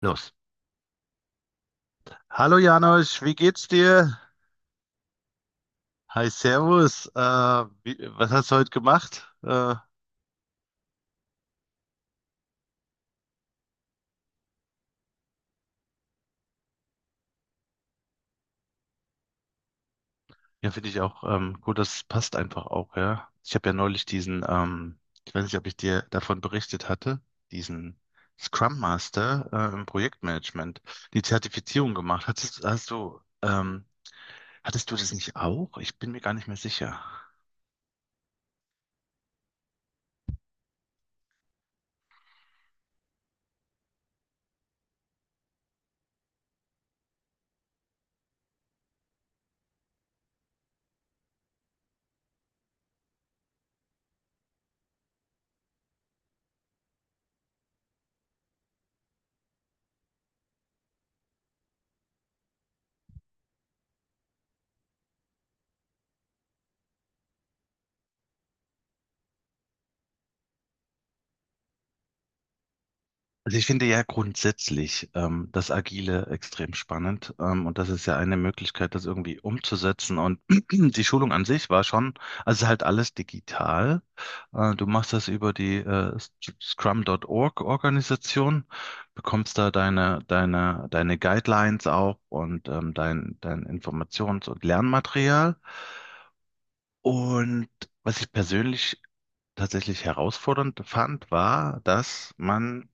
Los. Hallo Janosch, wie geht's dir? Hi, Servus. Was hast du heute gemacht? Ja, finde ich auch, gut, das passt einfach auch, ja. Ich habe ja neulich diesen, ich weiß nicht, ob ich dir davon berichtet hatte, diesen Scrum Master im Projektmanagement, die Zertifizierung gemacht. Hattest hattest du das nicht auch? Ich bin mir gar nicht mehr sicher. Also ich finde ja grundsätzlich das Agile extrem spannend, und das ist ja eine Möglichkeit, das irgendwie umzusetzen. Und die Schulung an sich war schon, also es ist halt alles digital. Du machst das über die Scrum.org Organisation, bekommst da deine Guidelines auch und, dein Informations- und Lernmaterial. Und was ich persönlich tatsächlich herausfordernd fand, war, dass man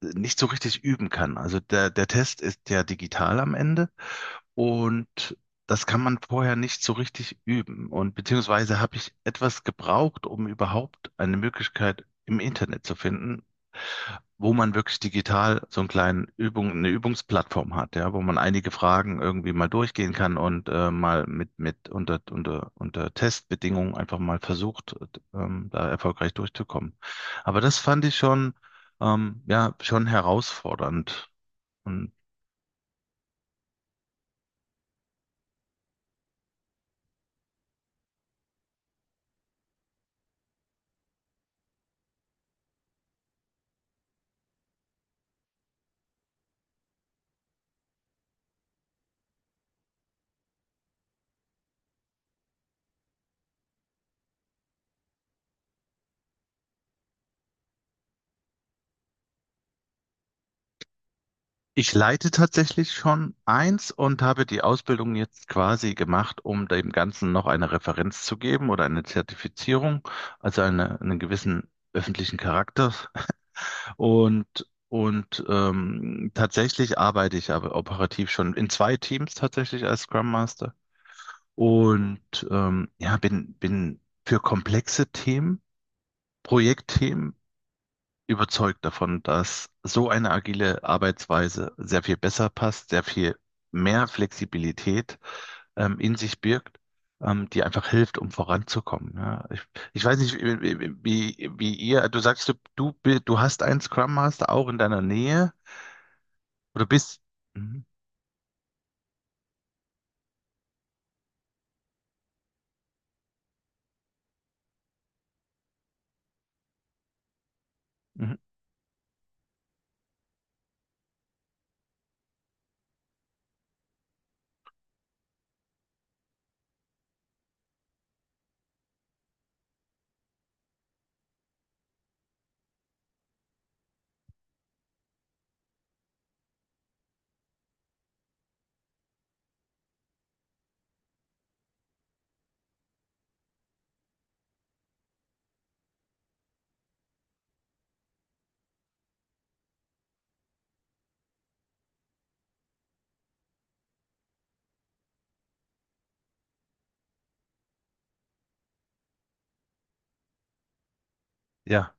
nicht so richtig üben kann. Also der Test ist ja digital am Ende, und das kann man vorher nicht so richtig üben. Und beziehungsweise habe ich etwas gebraucht, um überhaupt eine Möglichkeit im Internet zu finden, wo man wirklich digital so einen kleinen Übung, eine Übungsplattform hat, ja, wo man einige Fragen irgendwie mal durchgehen kann und mal mit, unter Testbedingungen einfach mal versucht, da erfolgreich durchzukommen. Aber das fand ich schon, ja, schon herausfordernd. Und ich leite tatsächlich schon eins und habe die Ausbildung jetzt quasi gemacht, um dem Ganzen noch eine Referenz zu geben oder eine Zertifizierung, also einen gewissen öffentlichen Charakter. Und tatsächlich arbeite ich aber operativ schon in zwei Teams tatsächlich als Scrum Master. Und, ja, bin für komplexe Themen, Projektthemen überzeugt davon, dass so eine agile Arbeitsweise sehr viel besser passt, sehr viel mehr Flexibilität in sich birgt, die einfach hilft, um voranzukommen. Ja. Ich weiß nicht, wie, wie, wie wie ihr, du sagst, du hast einen Scrum Master auch in deiner Nähe. Du bist. Mhm. Mhm. Ja.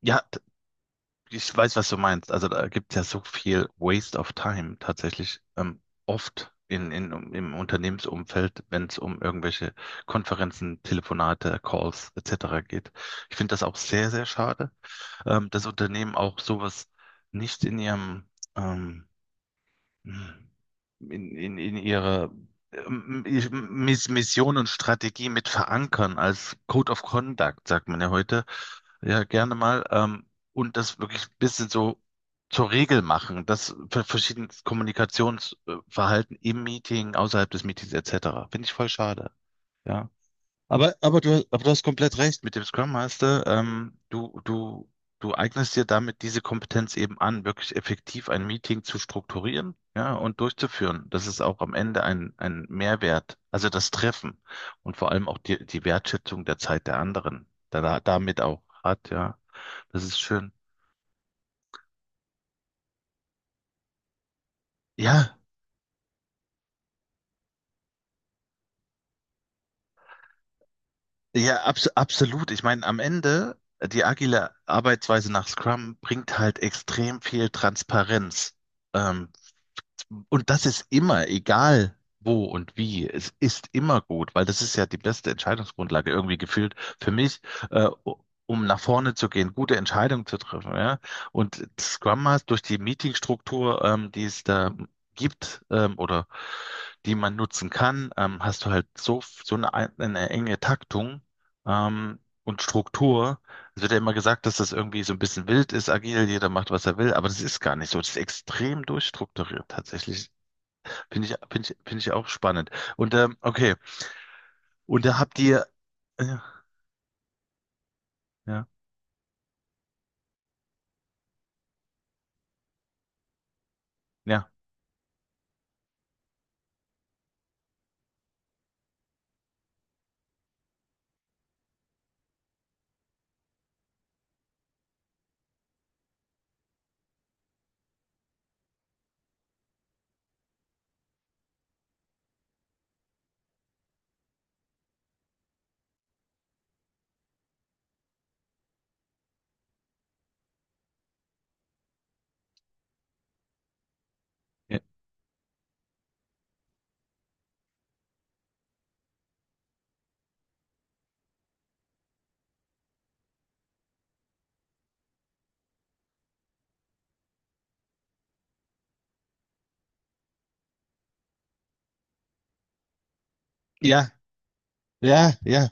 Ja, ich weiß, was du meinst. Also da gibt es ja so viel Waste of Time tatsächlich. Oft im Unternehmensumfeld, wenn es um irgendwelche Konferenzen, Telefonate, Calls etc. geht. Ich finde das auch sehr, sehr schade, dass Unternehmen auch sowas nicht ähm, in ihre ähm, Mission und Strategie mit verankern als Code of Conduct, sagt man ja heute. Ja, gerne mal. Und das wirklich ein bisschen so zur Regel machen, das für verschiedenes Kommunikationsverhalten im Meeting, außerhalb des Meetings etc. Finde ich voll schade. Ja. Aber du hast komplett recht mit dem Scrum Master. Du eignest dir damit diese Kompetenz eben an, wirklich effektiv ein Meeting zu strukturieren, ja, und durchzuführen. Das ist auch am Ende ein Mehrwert. Also das Treffen und vor allem auch die Wertschätzung der Zeit der anderen, da damit auch hat, ja. Das ist schön. Ja, ja, absolut. Ich meine, am Ende, die agile Arbeitsweise nach Scrum bringt halt extrem viel Transparenz. Ähm, Und das ist immer, egal wo und wie, es ist immer gut, weil das ist ja die beste Entscheidungsgrundlage irgendwie gefühlt für mich, äh, um nach vorne zu gehen, gute Entscheidungen zu treffen, ja. Und Scrum Master durch die Meetingstruktur, die es da gibt, oder die man nutzen kann, hast du halt so eine, enge Taktung, und Struktur. Es wird ja immer gesagt, dass das irgendwie so ein bisschen wild ist, agil, jeder macht, was er will, aber das ist gar nicht so. Das ist extrem durchstrukturiert tatsächlich. Finde ich auch spannend. Und, okay, und da habt ihr, ja, ja, ja, ja, ja, ja, ja.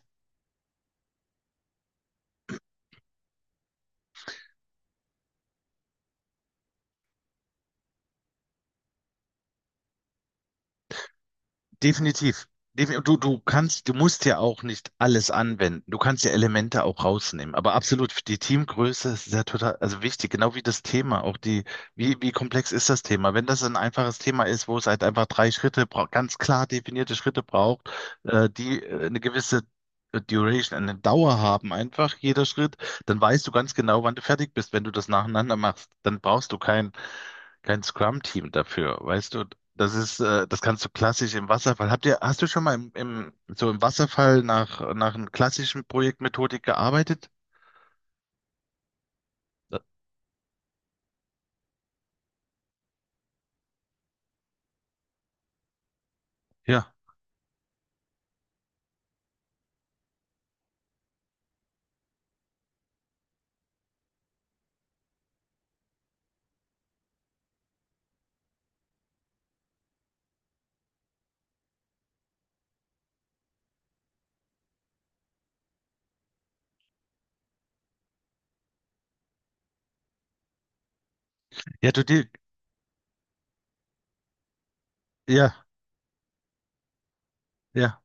Definitiv. Du musst ja auch nicht alles anwenden. Du kannst ja Elemente auch rausnehmen. Aber absolut, die Teamgröße ist ja total, also wichtig, genau wie das Thema. Wie komplex ist das Thema? Wenn das ein einfaches Thema ist, wo es halt einfach drei Schritte braucht, ganz klar definierte Schritte braucht, die, eine gewisse, Duration, eine Dauer haben, einfach jeder Schritt, dann weißt du ganz genau, wann du fertig bist, wenn du das nacheinander machst. Dann brauchst du kein Scrum-Team dafür, weißt du? Das kannst du klassisch im Wasserfall. Hast du schon mal so im Wasserfall nach einer klassischen Projektmethodik gearbeitet? Ja, ja, du, die, ja, ja.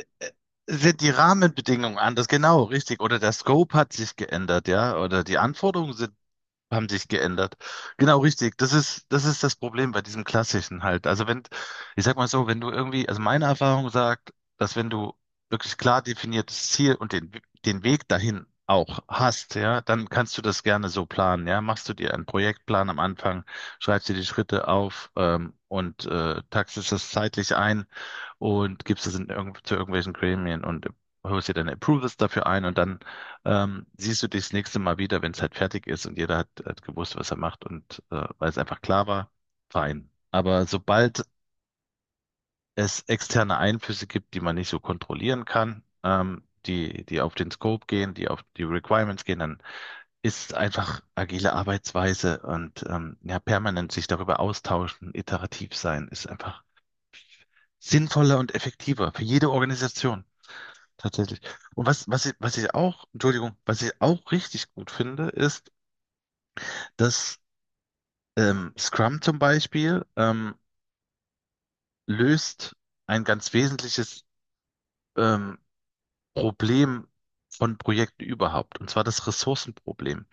Äh, Sind die Rahmenbedingungen anders? Genau, richtig. Oder der Scope hat sich geändert, ja? Oder die Anforderungen sind haben sich geändert. Genau, richtig. Das ist, das Problem bei diesem Klassischen halt. Also wenn, ich sag mal so, wenn du irgendwie, also meine Erfahrung sagt, dass wenn du wirklich klar definiertes Ziel und den Weg dahin auch hast, ja, dann kannst du das gerne so planen, ja. Machst du dir einen Projektplan am Anfang, schreibst dir die Schritte auf, und taxest das zeitlich ein und gibst es in irgend zu irgendwelchen Gremien und holst dir deine Approvals dafür ein und dann siehst du dich das nächste Mal wieder, wenn es halt fertig ist und hat gewusst, was er macht und, weil es einfach klar war, fein. Aber sobald es externe Einflüsse gibt, die man nicht so kontrollieren kann, die auf den Scope gehen, die auf die Requirements gehen, dann ist einfach agile Arbeitsweise und, ja, permanent sich darüber austauschen, iterativ sein, ist einfach sinnvoller und effektiver für jede Organisation. Tatsächlich. Und was, Entschuldigung, was ich auch richtig gut finde, ist, dass Scrum zum Beispiel, löst ein ganz wesentliches, ähm, Problem von Projekten überhaupt, und zwar das Ressourcenproblem.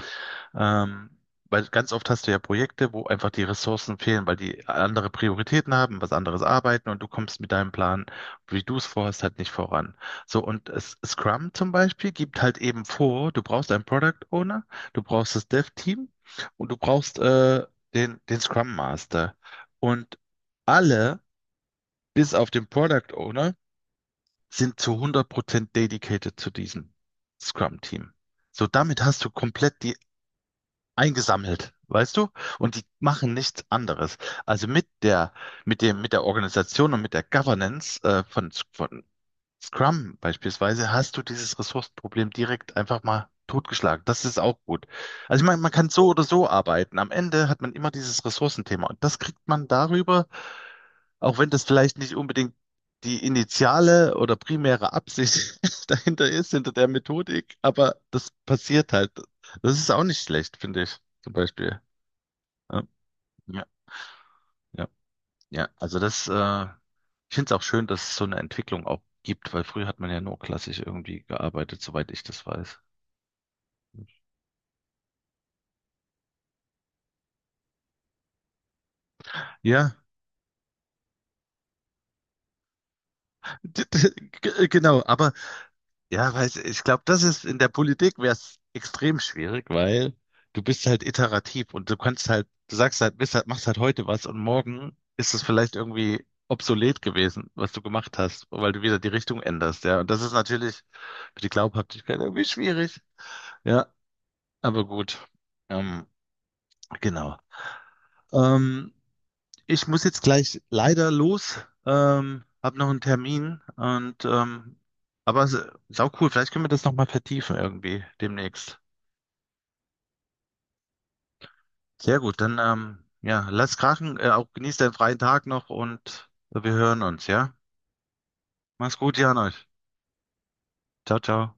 Ähm, weil ganz oft hast du ja Projekte, wo einfach die Ressourcen fehlen, weil die andere Prioritäten haben, was anderes arbeiten, und du kommst mit deinem Plan, wie du es vorhast, halt nicht voran. So, und Scrum zum Beispiel gibt halt eben vor, du brauchst einen Product Owner, du brauchst das Dev-Team und du brauchst, den Scrum Master. Und alle, bis auf den Product Owner, sind zu 100% dedicated zu diesem Scrum-Team. So, damit hast du komplett die eingesammelt, weißt du? Und die machen nichts anderes. Also mit der, mit der Organisation und mit der Governance, von Scrum beispielsweise hast du dieses Ressourcenproblem direkt einfach mal totgeschlagen. Das ist auch gut. Also ich meine, man kann so oder so arbeiten. Am Ende hat man immer dieses Ressourcenthema und das kriegt man darüber, auch wenn das vielleicht nicht unbedingt die initiale oder primäre Absicht dahinter ist, hinter der Methodik, aber das passiert halt. Das ist auch nicht schlecht, finde ich, zum Beispiel. Ja, ja, ja. Ja. Also ich finde es auch schön, dass es so eine Entwicklung auch gibt, weil früher hat man ja nur klassisch irgendwie gearbeitet, soweit ich das weiß. Ja, d- d- genau, aber ja, ich glaube, das ist in der Politik wäre es extrem schwierig, weil du bist halt iterativ und du kannst halt, du sagst halt, bist halt, machst halt heute was und morgen ist es vielleicht irgendwie obsolet gewesen, was du gemacht hast, weil du wieder die Richtung änderst, ja. Und das ist natürlich für die Glaubhaftigkeit irgendwie schwierig. Ja. Aber gut, ähm, genau. Ähm, ich muss jetzt gleich leider los, habe noch einen Termin und, aber sau cool, vielleicht können wir das nochmal vertiefen irgendwie demnächst. Sehr gut, dann, ja, lass krachen, auch genieß deinen freien Tag noch und wir hören uns, ja? Mach's gut, Jan euch. Ciao, ciao.